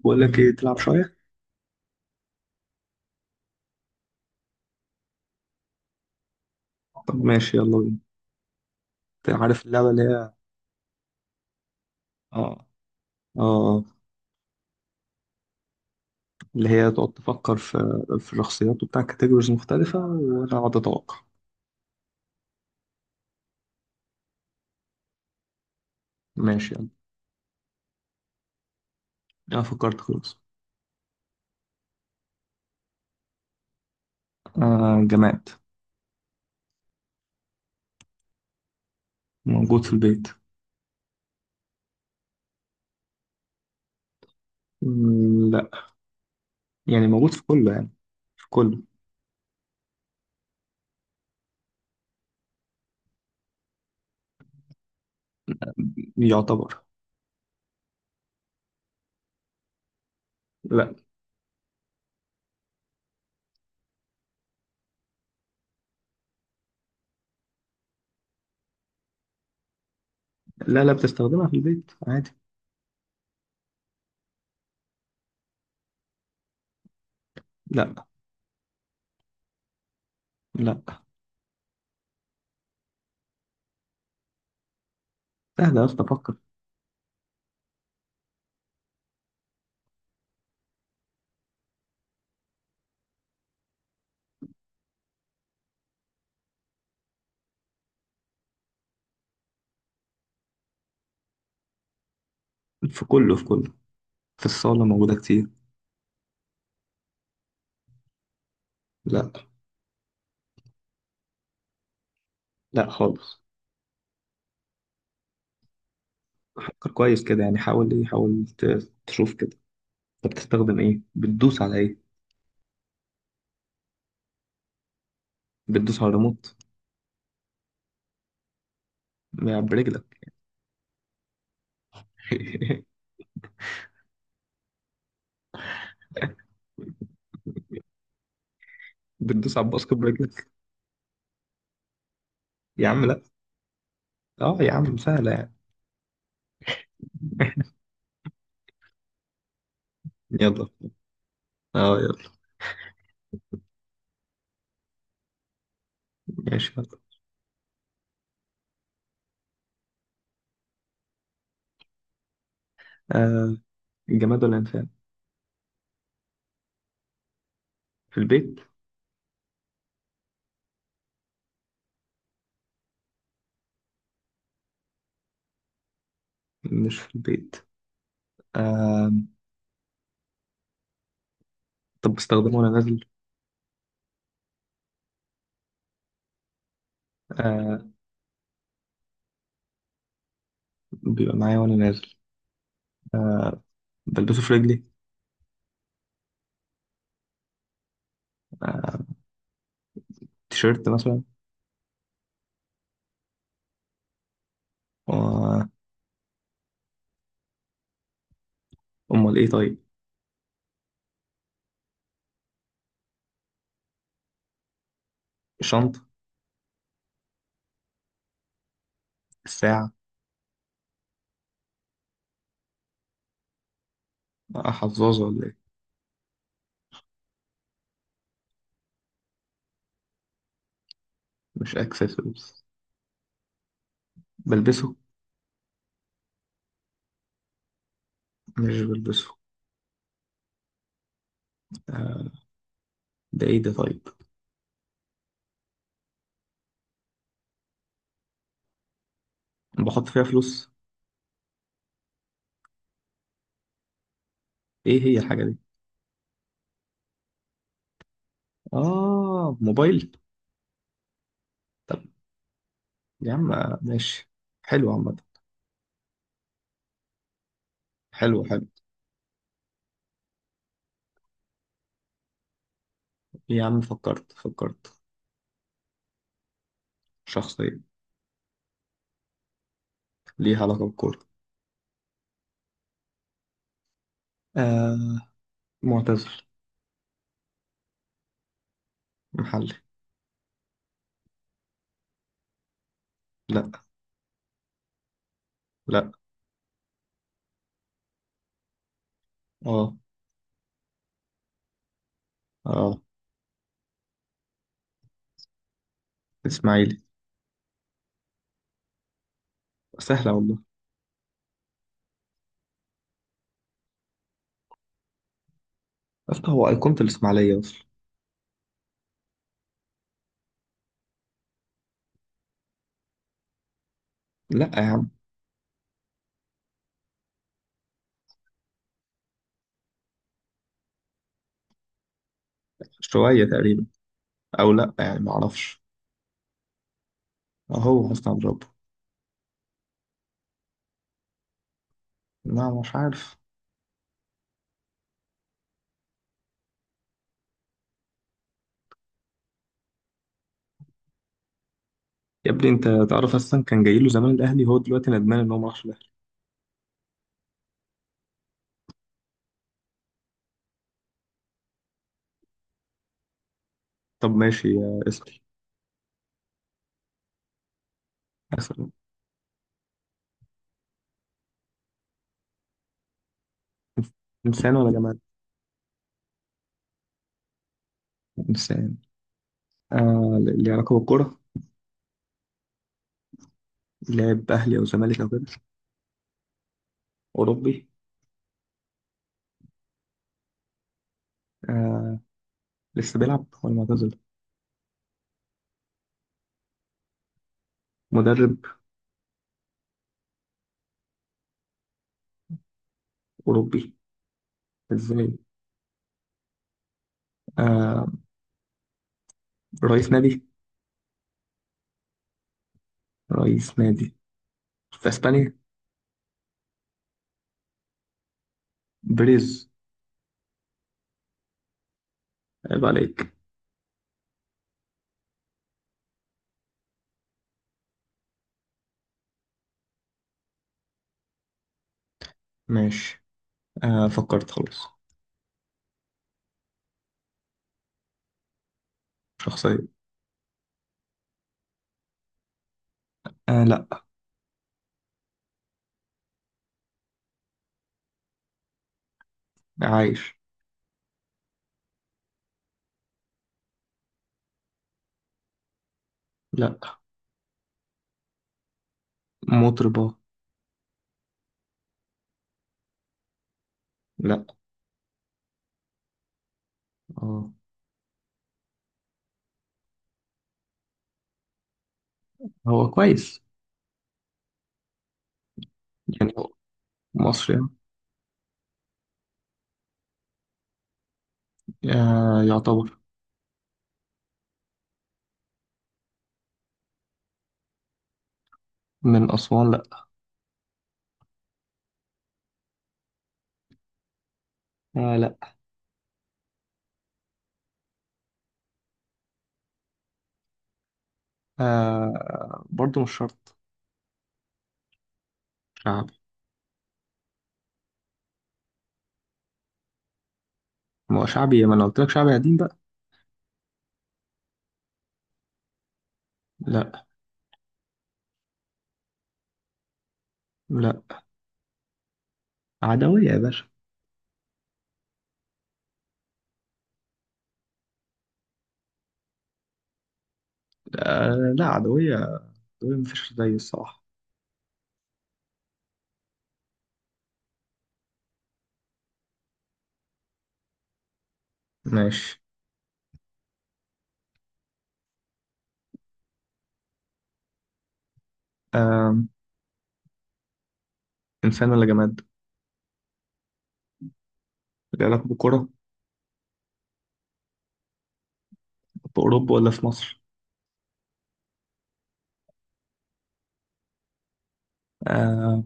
بقول لك ايه تلعب شوية؟ طب ماشي يلا بينا. انت عارف اللعبة اه اه اللي هي تقعد تفكر في الشخصيات وبتاع كاتيجوريز مختلفة وانا اقعد اتوقع. ماشي يلا. انا فكرت خلاص. آه، جماد موجود في البيت. مم، لا. يعني موجود في كله يعني. في كله. يعتبر. لا. لا لا، بتستخدمها في البيت عادي. لا لا، سهلة يا اسطى، فكر. في كله، في كله. في الصالة موجودة كتير. لا لا خالص. فكر كويس كده، يعني حاول، ايه، حاول تشوف كده. انت بتستخدم ايه؟ بتدوس على ايه؟ بتدوس على الريموت، يعني برجلك؟ بتدوس على الباسكت برجلك؟ يا عم لا. اه، يا عم سهلة يعني. يلا. اه، يلا. ماشي، يلا. آه. الجماد ولا الإنسان؟ في البيت. مش في البيت. آه. طب بستخدمه وأنا نازل. آه. بيبقى معايا وأنا نازل. آه. بلبسه في رجلي؟ آه، تيشيرت مثلا؟ و- أمال إيه طيب؟ الشنطة؟ الساعة؟ آه، حظاظة ولا إيه؟ مش أكسسوارز. بلبسه؟ مش بلبسه؟ آه، ده ايه ده طيب؟ بحط فيها فلوس. ايه هي الحاجة دي؟ اه، موبايل. طب يا عم، آه، ماشي. حلو عامة. حلو، حلو. يا عم فكرت، فكرت. شخصية. ليها علاقة بالكورة. آه. معتزل. محلي. لا. لا. اه. اه. اسماعيلي. سهلة والله. أصل هو أيقونة الإسماعيلية أصلا. لا يا عم، شوية تقريبا. أو لا يعني، معرفش. أهو حسني عبد ربه. لا، مش عارف. يا ابني انت تعرف اصلا كان جاي له زمان الاهلي. هو دلوقتي ندمان ان هو ما راحش الأهلي. طب ماشي، يا اسأل اسأل. إنسان ولا جماد؟ إنسان. آه، اللي علاقة بالكورة. لاعب أهلي أو زمالك أو كده؟ أوروبي. آه. لسه بيلعب ولا معتزل؟ مدرب؟ أوروبي إزاي؟ آه، رئيس نادي. رئيس نادي في أسبانيا. بريز. عيب عليك. ماشي. آه، فكرت خلاص. شخصية. آه لأ. عايش. لأ. مطربة. لأ. آه. هو كويس. يعني هو مصري يعني. آه يعتبر. من أسوان. آه لا. آه برضو مش شرط. شعبي. ما هو شعبي، ما انا قلت لك شعبي قديم بقى. لا. لا. عدوية يا باشا. آه لا، عدوية. عدوية مفيش زي، الصراحة. ماشي. آه. إنسان ولا جماد؟ ليه علاقة بالكرة؟ بأوروبا ولا في مصر؟ آه.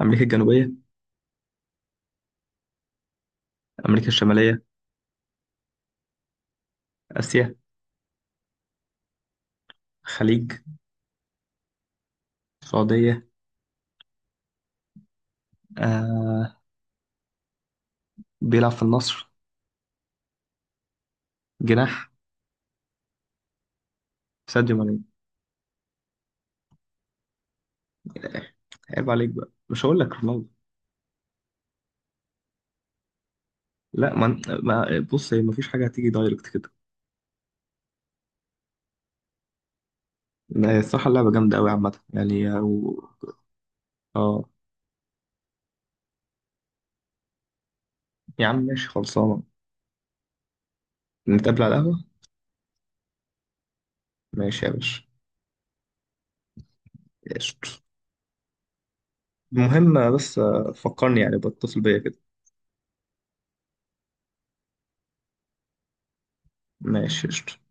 أمريكا الجنوبية؟ أمريكا الشمالية؟ آسيا؟ خليج؟ السعودية؟ آه. بيلعب في النصر. جناح. ساديو ماني. عيب عليك بقى، مش هقول لك رونالدو. لا، بص، هي مفيش حاجة هتيجي دايركت كده. لا، هي الصراحة اللعبة جامدة أوي عامة، يعني أو. آه يا عم، ماشي خلصانة. نتقابل على القهوة. ماشي يا باشا. قشطة. المهم بس، آه، فكرني، يعني بتصل بيا كده. ماشي، قشطة.